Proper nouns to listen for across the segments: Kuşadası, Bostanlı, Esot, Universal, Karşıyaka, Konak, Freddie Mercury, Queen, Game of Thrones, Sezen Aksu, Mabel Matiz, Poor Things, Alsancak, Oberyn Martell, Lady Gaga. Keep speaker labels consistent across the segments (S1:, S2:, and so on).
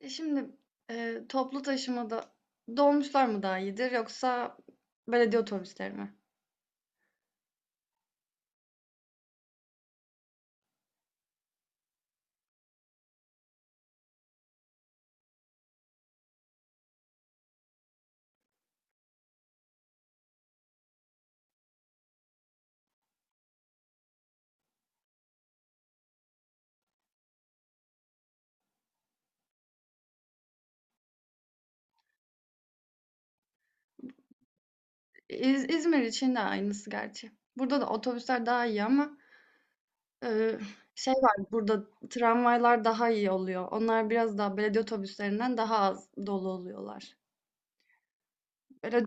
S1: E, şimdi, Toplu taşımada dolmuşlar mı daha iyidir yoksa belediye otobüsleri mi? İzmir için de aynısı gerçi. Burada da otobüsler daha iyi ama, eee, şey var, burada tramvaylar daha iyi oluyor. Onlar biraz daha belediye otobüslerinden daha az dolu oluyorlar. Böyle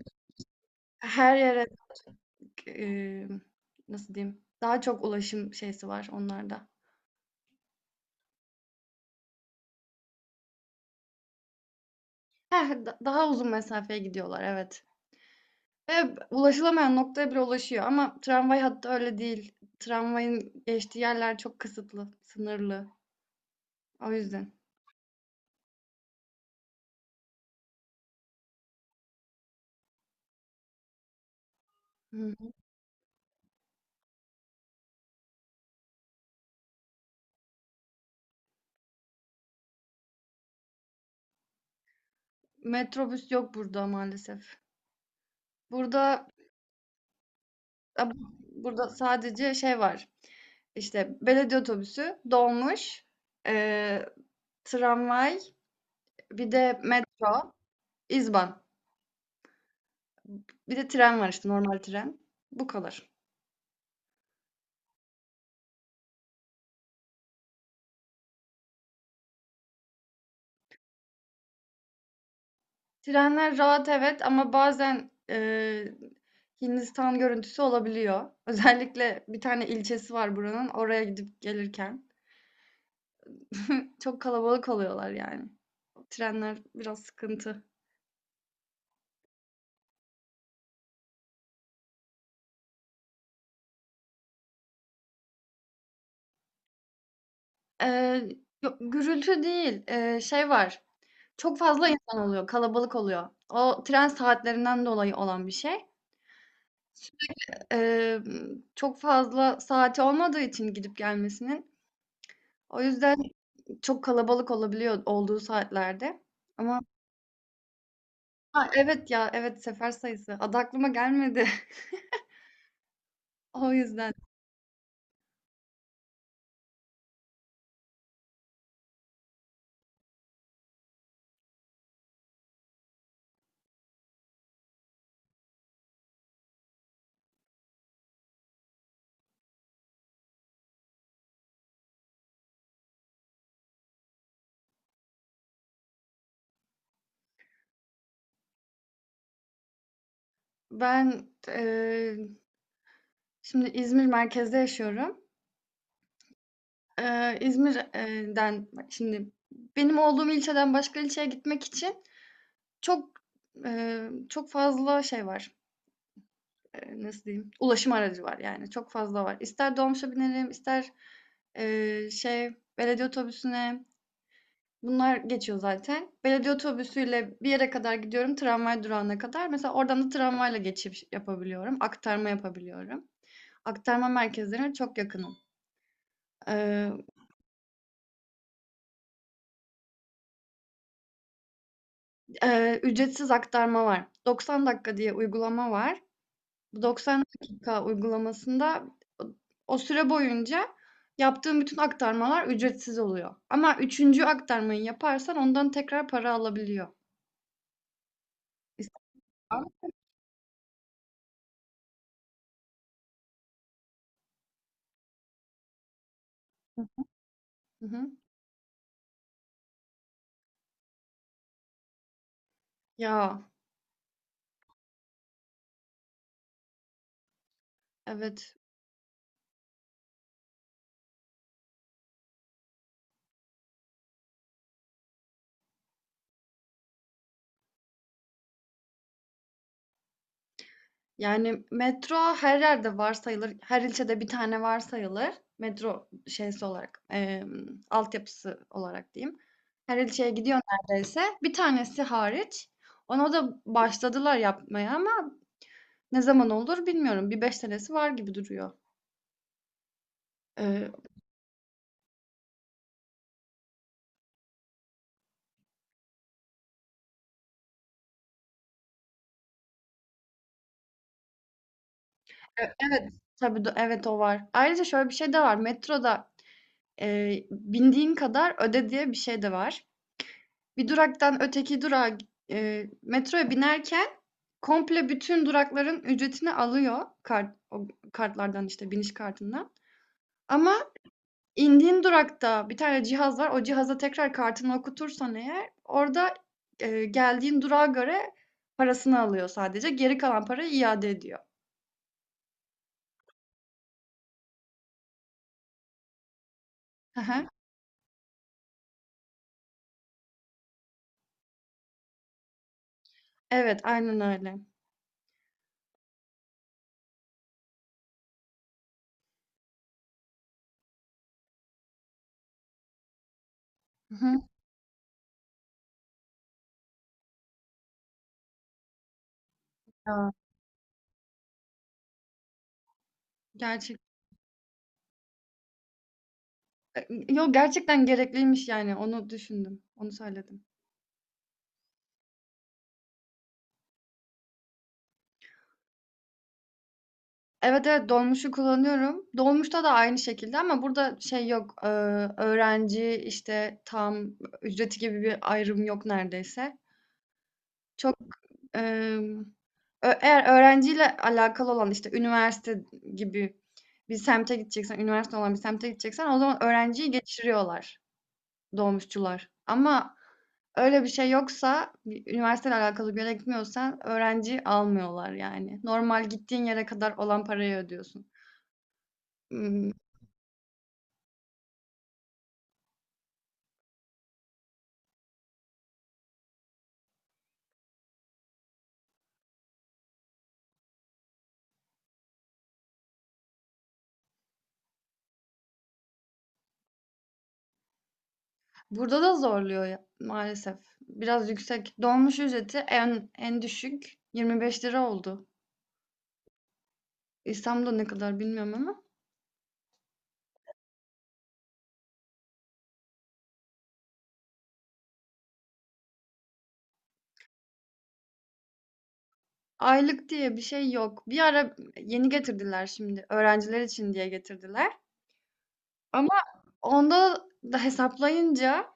S1: her yere, emm, nasıl diyeyim, daha çok ulaşım şeysi var onlarda. Heh, daha uzun mesafeye gidiyorlar, evet. Ulaşılamayan noktaya bile ulaşıyor ama tramvay hattı öyle değil. Tramvayın geçtiği yerler çok kısıtlı, sınırlı. O yüzden. Hı. Metrobüs yok burada maalesef. Burada a burada sadece şey var, işte, belediye otobüsü, dolmuş, eee, tramvay, bir de metro, izban. Bir de tren var, işte, normal tren. Bu kadar. Trenler rahat evet ama bazen, Hindistan görüntüsü olabiliyor. Özellikle bir tane ilçesi var buranın, oraya gidip gelirken. Çok kalabalık oluyorlar yani. Trenler biraz sıkıntı. Eee, Yok gürültü değil, şey var, çok fazla insan oluyor, kalabalık oluyor. O tren saatlerinden dolayı olan bir şey. Emm, Çok fazla saati olmadığı için gidip gelmesinin, o yüzden çok kalabalık olabiliyor olduğu saatlerde. Ama A, evet ya, evet sefer sayısı. Adı aklıma gelmedi. O yüzden. Ben, şimdi İzmir merkezde yaşıyorum. İzmir şimdi benim olduğum ilçeden başka ilçeye gitmek için çok, çok fazla şey var. Nasıl diyeyim? Ulaşım aracı var yani. Çok fazla var. İster dolmuşa binerim, ister eee, şey belediye otobüsüne. Bunlar geçiyor zaten. Belediye otobüsüyle bir yere kadar gidiyorum, tramvay durağına kadar. Mesela oradan da tramvayla geçiş yapabiliyorum, aktarma yapabiliyorum. Aktarma merkezlerine çok yakınım. Ee, Ücretsiz aktarma var. 90 dakika diye uygulama var. Bu 90 dakika uygulamasında o o süre boyunca yaptığım bütün aktarmalar ücretsiz oluyor. Ama üçüncü aktarmayı yaparsan ondan tekrar para alabiliyor. İstiyorsan. Hı hı. Ya, evet. Yani metro her yerde var sayılır. Her ilçede bir tane var sayılır. Metro şeysi olarak, altyapısı olarak diyeyim. Her ilçeye gidiyor neredeyse. Bir tanesi hariç. Ona da başladılar yapmaya ama ne zaman olur bilmiyorum. Bir 5 senesi var gibi duruyor. Ee, evet, tabii, evet o var. Ayrıca şöyle bir şey de var. Metroda, bindiğin kadar öde diye bir şey de var. Bir duraktan öteki durağa gi- Metroya binerken komple bütün durakların ücretini alıyor o kartlardan işte biniş kartından. Ama indiğin durakta bir tane cihaz var. O cihaza tekrar kartını okutursan eğer orada, geldiğin durağa göre parasını alıyor sadece. Geri kalan parayı iade ediyor. Hı hı. Evet, aynen öyle. Hı hı. Ya, gerçek e, gerçekten gerekliymiş yani onu düşündüm. Onu söyledim. Evet, evet, dolmuşu kullanıyorum. Dolmuşta da aynı şekilde ama burada şey yok, öğrenci, işte, tam ücreti gibi bir ayrım yok neredeyse. Çok, emm, ö Eğer öğrenciyle alakalı olan, işte, üniversite gibi bir semte gideceksen, üniversite olan bir semte gideceksen o zaman öğrenciyi geçiriyorlar dolmuşçular. Ama öyle bir şey yoksa, bir üniversiteyle alakalı bir yere gitmiyorsan öğrenci almıyorlar yani. Normal gittiğin yere kadar olan parayı ödüyorsun. Imm Burada da zorluyor ya, maalesef. Biraz yüksek. Dolmuş ücreti en düşük 25 lira oldu. İstanbul'da ne kadar bilmiyorum ama. Aylık diye bir şey yok. Bir ara yeni getirdiler şimdi. Öğrenciler için diye getirdiler. Ama onda da hesaplayınca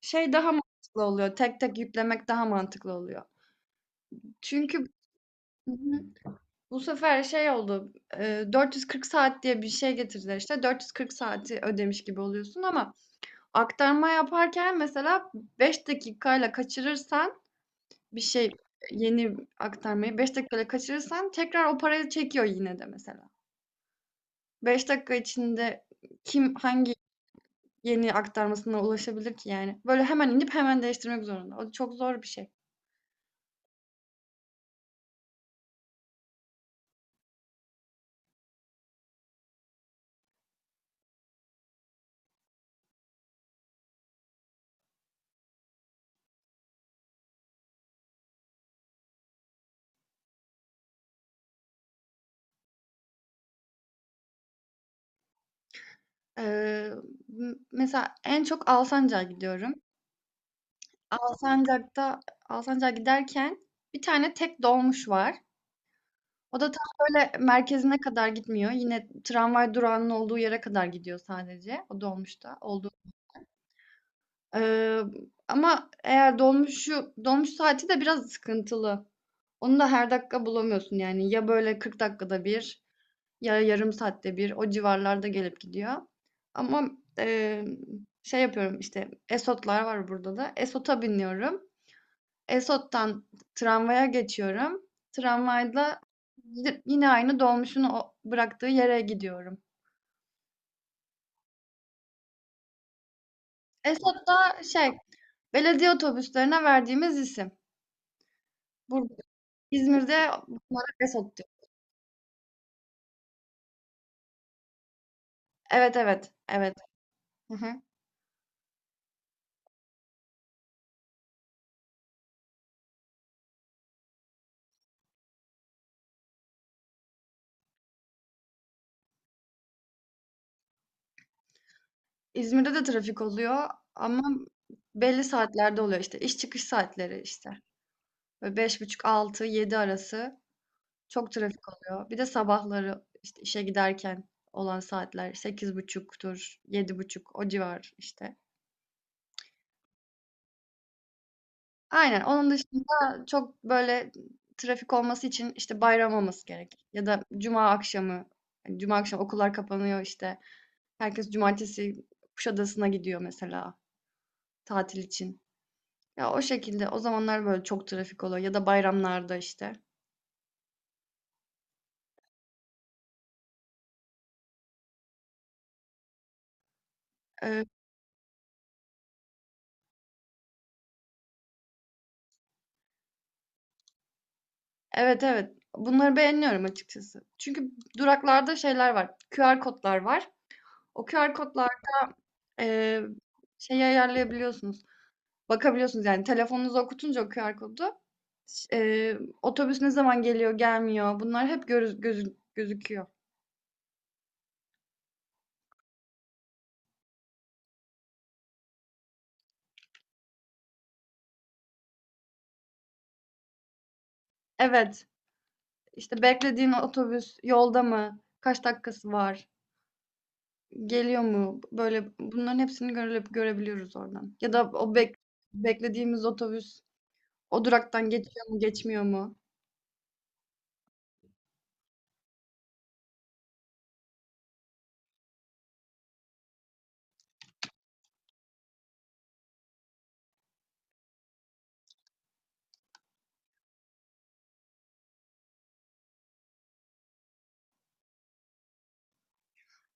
S1: şey daha mantıklı oluyor. Tek tek yüklemek daha mantıklı oluyor. Çünkü bu sefer şey oldu. 440 saat diye bir şey getirdiler işte. 440 saati ödemiş gibi oluyorsun. Ama aktarma yaparken mesela 5 dakikayla kaçırırsan bir şey, yeni aktarmayı 5 dakikayla kaçırırsan tekrar o parayı çekiyor yine de mesela. 5 dakika içinde kim hangi yeni aktarmasına ulaşabilir ki yani? Böyle hemen inip hemen değiştirmek zorunda. O çok zor bir şey. Eee, Mesela en çok Alsancak'a gidiyorum. Alsancak'ta Alsancak'a giderken bir tane tek dolmuş var. O da tam böyle merkezine kadar gitmiyor. Yine tramvay durağının olduğu yere kadar gidiyor sadece. O dolmuşta olduğu. Ee, Ama eğer dolmuş saati de biraz sıkıntılı. Onu da her dakika bulamıyorsun yani. Ya böyle 40 dakikada bir ya yarım saatte bir o civarlarda gelip gidiyor. Ama e, şey yapıyorum işte Esotlar var burada da. Esot'a biniyorum. Esot'tan tramvaya geçiyorum. Tramvayla yine aynı dolmuşun o bıraktığı yere gidiyorum. Esot da şey, belediye otobüslerine verdiğimiz isim. Burada, İzmir'de bunlara Esot diyor. Evet, evet, evet. Hı hı. İzmir'de de trafik oluyor ama belli saatlerde oluyor işte. İş çıkış saatleri işte. Böyle beş buçuk, altı, yedi arası. Çok trafik oluyor. Bir de sabahları, işte, işe giderken olan saatler sekiz buçuktur, yedi buçuk o civar, işte. Aynen, onun dışında çok, böyle, trafik olması için, işte, bayram olması gerek ya da cuma akşamı, hani, cuma akşamı okullar kapanıyor, işte. Herkes cumartesi Kuşadası'na gidiyor mesela tatil için. Ya, o şekilde, o zamanlar, böyle, çok trafik oluyor ya da bayramlarda, işte. Evet, evet. Bunları beğeniyorum açıkçası. Çünkü duraklarda şeyler var, QR kodlar var. O QR kodlar, eee, şeyi ayarlayabiliyorsunuz, bakabiliyorsunuz. Yani telefonunuza okutunca o QR kodu, ş otobüs ne zaman geliyor, gelmiyor bunlar hep görüz gözü gözüküyor. Evet, işte beklediğin otobüs yolda mı, kaç dakikası var, geliyor mu? Böyle bunların hepsini görebiliyoruz oradan. Ya da o beklediğimiz otobüs o duraktan geçiyor mu, geçmiyor mu?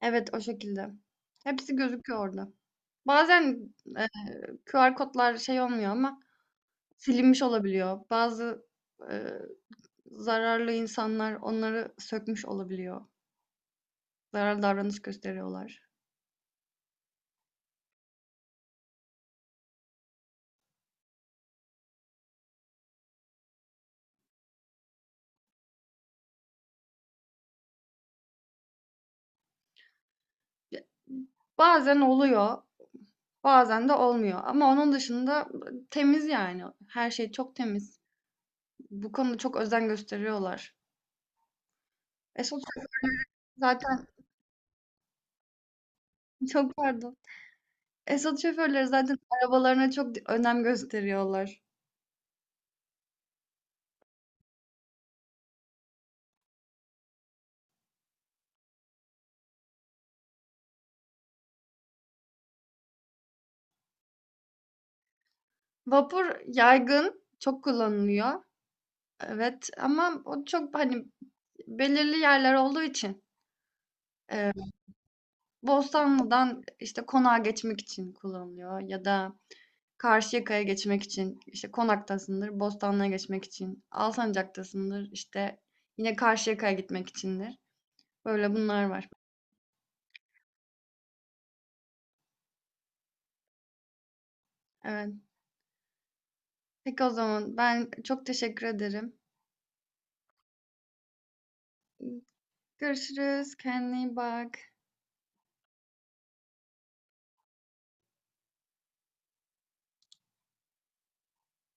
S1: Evet, o şekilde. Hepsi gözüküyor orada. Bazen, eee, QR kodlar şey olmuyor ama silinmiş olabiliyor. Bazı, eee, zararlı insanlar onları sökmüş olabiliyor. Zararlı davranış gösteriyorlar. Ya bazen oluyor, bazen de olmuyor ama onun dışında temiz yani. Her şey çok temiz. Bu konuda çok özen gösteriyorlar. Esot şoför- zaten Çok pardon. Esot şoförleri zaten arabalarına çok önem gösteriyorlar. Vapur yaygın, çok kullanılıyor. Evet ama o çok hani belirli yerler olduğu için eee, Bostanlı'dan işte konağa geçmek için kullanılıyor ya da Karşıyaka'ya geçmek için işte Konak'tasındır, Bostanlı'ya geçmek için, Alsancak'tasındır işte yine Karşıyaka'ya gitmek içindir. Böyle bunlar var. Evet. Peki o zaman ben çok teşekkür ederim. Görüşürüz. Kendine iyi bak.